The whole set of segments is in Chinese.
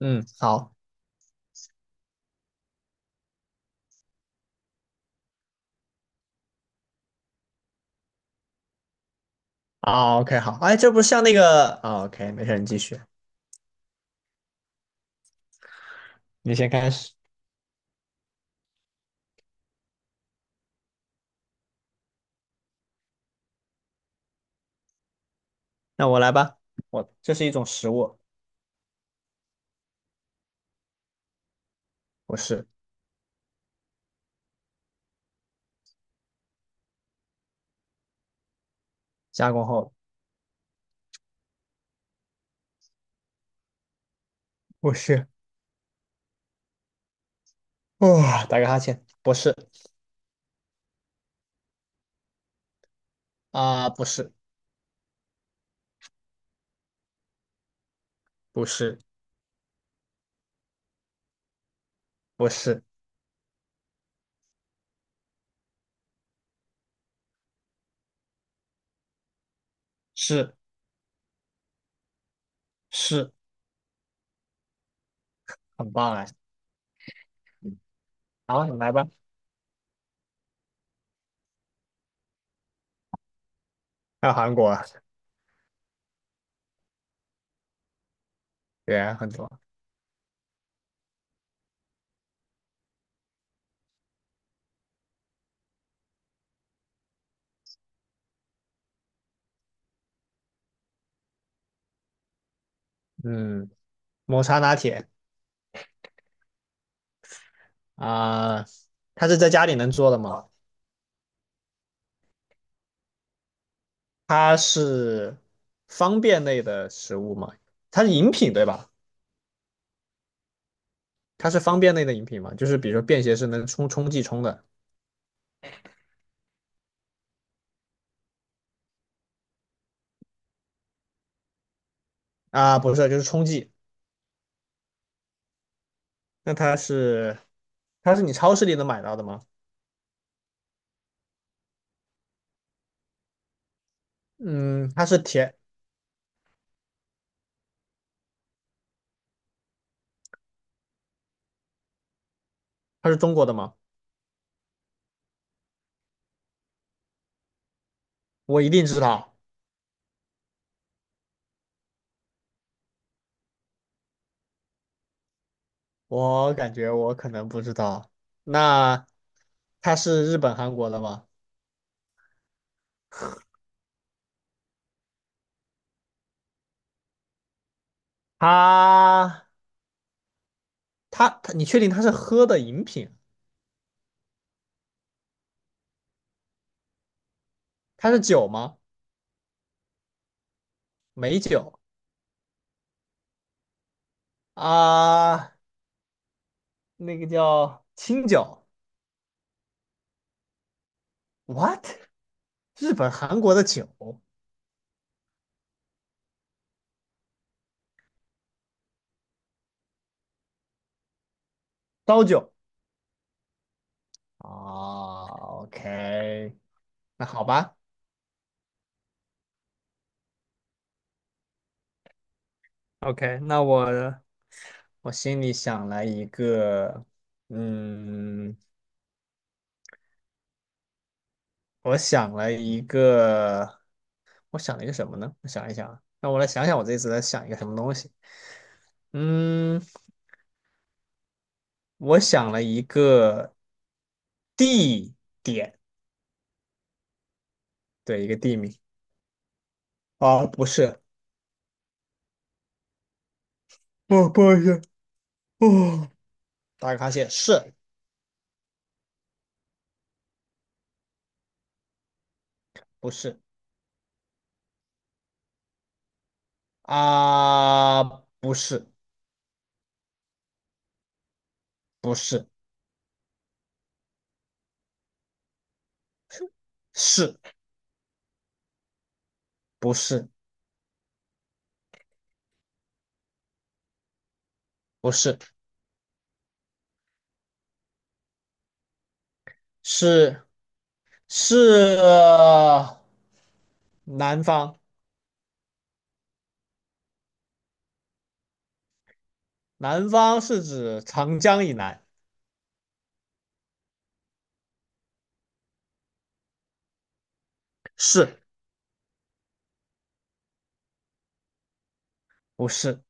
嗯，好。啊，OK，好，哎，这不是像那个啊，OK，没事，你继续。你先开始。那我来吧。我这是一种食物。不是。加工后。不是。哇、打个哈欠，不是。啊、不是。不是。不是。是。是。很棒哎。嗯，好，你来吧。还有韩国。对，很多。嗯，抹茶拿铁。啊、它是在家里能做的吗？它是方便类的食物吗？它是饮品对吧？它是方便类的饮品嘛，就是比如说便携式能冲剂冲的。啊，不是，就是冲剂。那它是它是你超市里能买到的吗？嗯，它是甜。它是中国的吗？我一定知道。我感觉我可能不知道。那它是日本、韩国的吗？它它，你确定它是喝的饮品？它是酒吗？美酒。啊，那个叫清酒。What？日本、韩国的酒，刀酒。哦，OK。那好吧，OK,那我心里想了一个。嗯，我想了一个。我想了一个什么呢？我想一想啊，那我来想想我这次在想一个什么东西。嗯，我想了一个地点。对，一个地名。啊，不是。不，不好意思。哦，打个哈欠，是。不是啊？不是。不是。是。不是。不是。是是呃南方。南方是指长江以南。是。不是？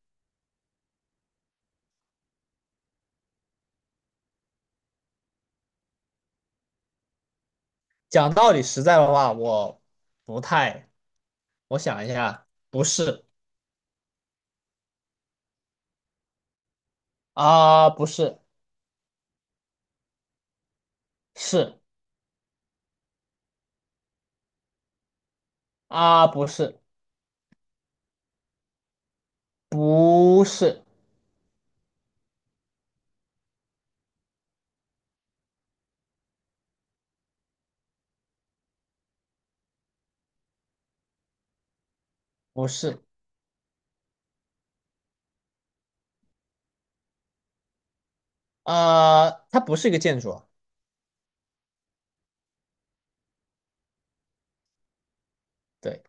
讲道理实在的话，我不太，我想一下，不是。啊，不是。是。啊，不是。不是。不是。啊，它不是一个建筑啊。对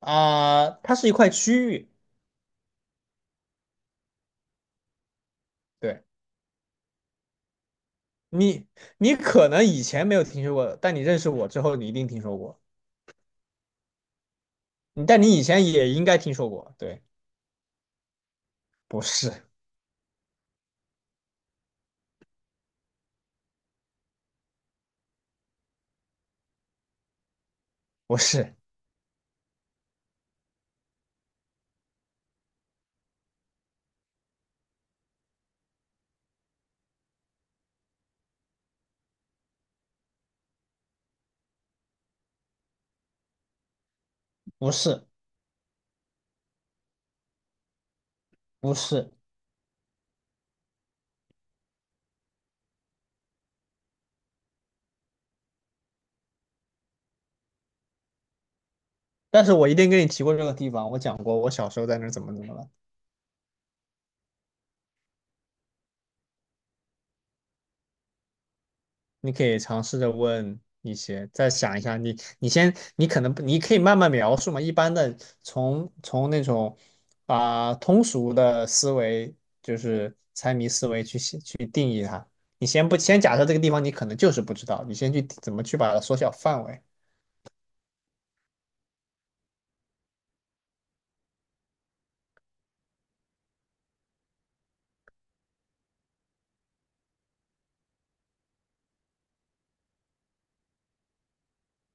啊，它是一块区域。对。你，你可能以前没有听说过，但你认识我之后，你一定听说过。但你以前也应该听说过。对。不是。不是。不是。不是。但是我一定跟你提过这个地方，我讲过我小时候在那儿怎么怎么了。你可以尝试着问一些，再想一下，你先，你可能不，你可以慢慢描述嘛。一般的从那种啊、通俗的思维，就是猜谜思维去写去定义它。你先不先假设这个地方你可能就是不知道，你先去怎么去把它缩小范围。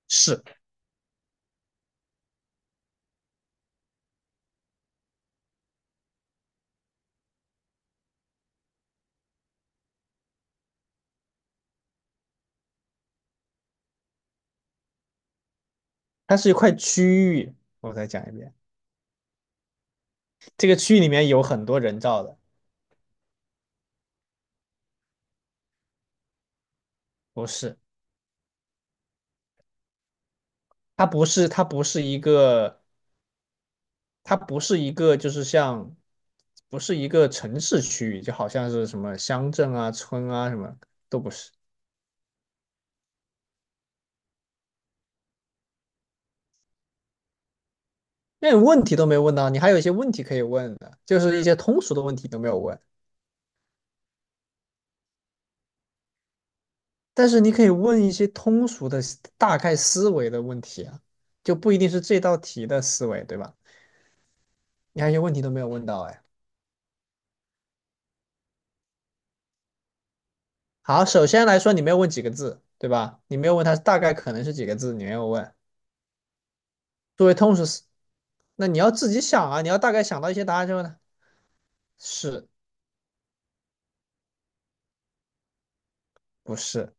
是。它是一块区域，我再讲一遍。这个区域里面有很多人造的。不是。它不是，它不是一个，它不是一个，就是像，不是一个城市区域，就好像是什么乡镇啊、村啊什么都不是。那你问题都没问到，你还有一些问题可以问的，就是一些通俗的问题都没有问。但是你可以问一些通俗的大概思维的问题啊，就不一定是这道题的思维，对吧？你还有些问题都没有问到，哎。好，首先来说，你没有问几个字，对吧？你没有问它大概可能是几个字，你没有问。作为通识思那你要自己想啊，你要大概想到一些答案之后呢，是。不是，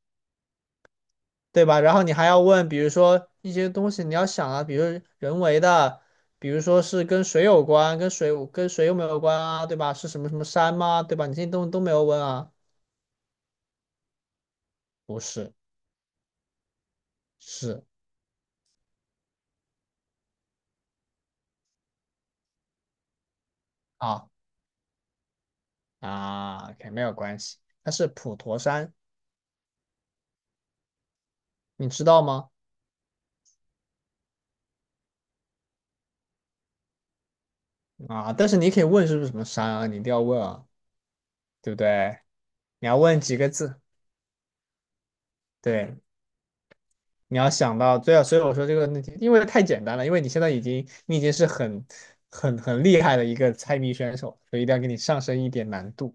对吧？然后你还要问，比如说一些东西你要想啊，比如人为的，比如说是跟水有关，跟水有没有关啊，对吧？是什么什么山吗？对吧？你这些东西都没有问啊。不是。是。啊啊，，OK,没有关系，它是普陀山，你知道吗？啊，但是你可以问是不是什么山啊，你一定要问啊，对不对？你要问几个字。对，你要想到，对啊，所以我说这个问题，因为太简单了，因为你现在已经，你已经是很、很、很厉害的一个猜谜选手，所以一定要给你上升一点难度。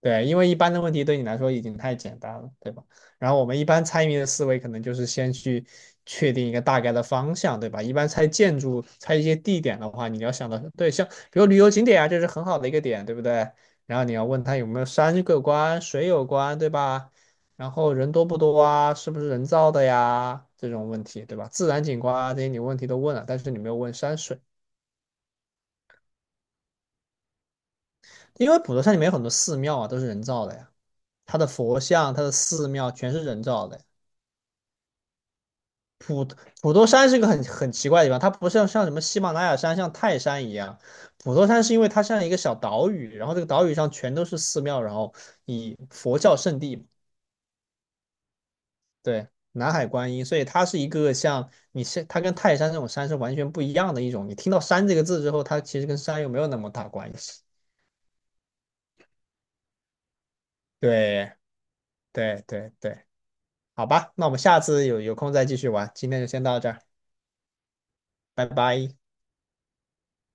对，因为一般的问题对你来说已经太简单了，对吧？然后我们一般猜谜的思维可能就是先去确定一个大概的方向，对吧？一般猜建筑、猜一些地点的话，你要想到，对，像比如旅游景点啊，这是很好的一个点，对不对？然后你要问他有没有山有关、水有关，对吧？然后人多不多啊？是不是人造的呀？这种问题，对吧？自然景观啊，这些你问题都问了，但是你没有问山水。因为普陀山里面有很多寺庙啊，都是人造的呀，它的佛像、它的寺庙全是人造的。普陀山是个很很奇怪的地方，它不像什么喜马拉雅山、像泰山一样，普陀山是因为它像一个小岛屿，然后这个岛屿上全都是寺庙，然后以佛教圣地嘛。对，南海观音，所以它是一个像你是它跟泰山这种山是完全不一样的一种。你听到山这个字之后，它其实跟山又没有那么大关系。对对对对，好吧，那我们下次有空再继续玩，今天就先到这儿，拜拜。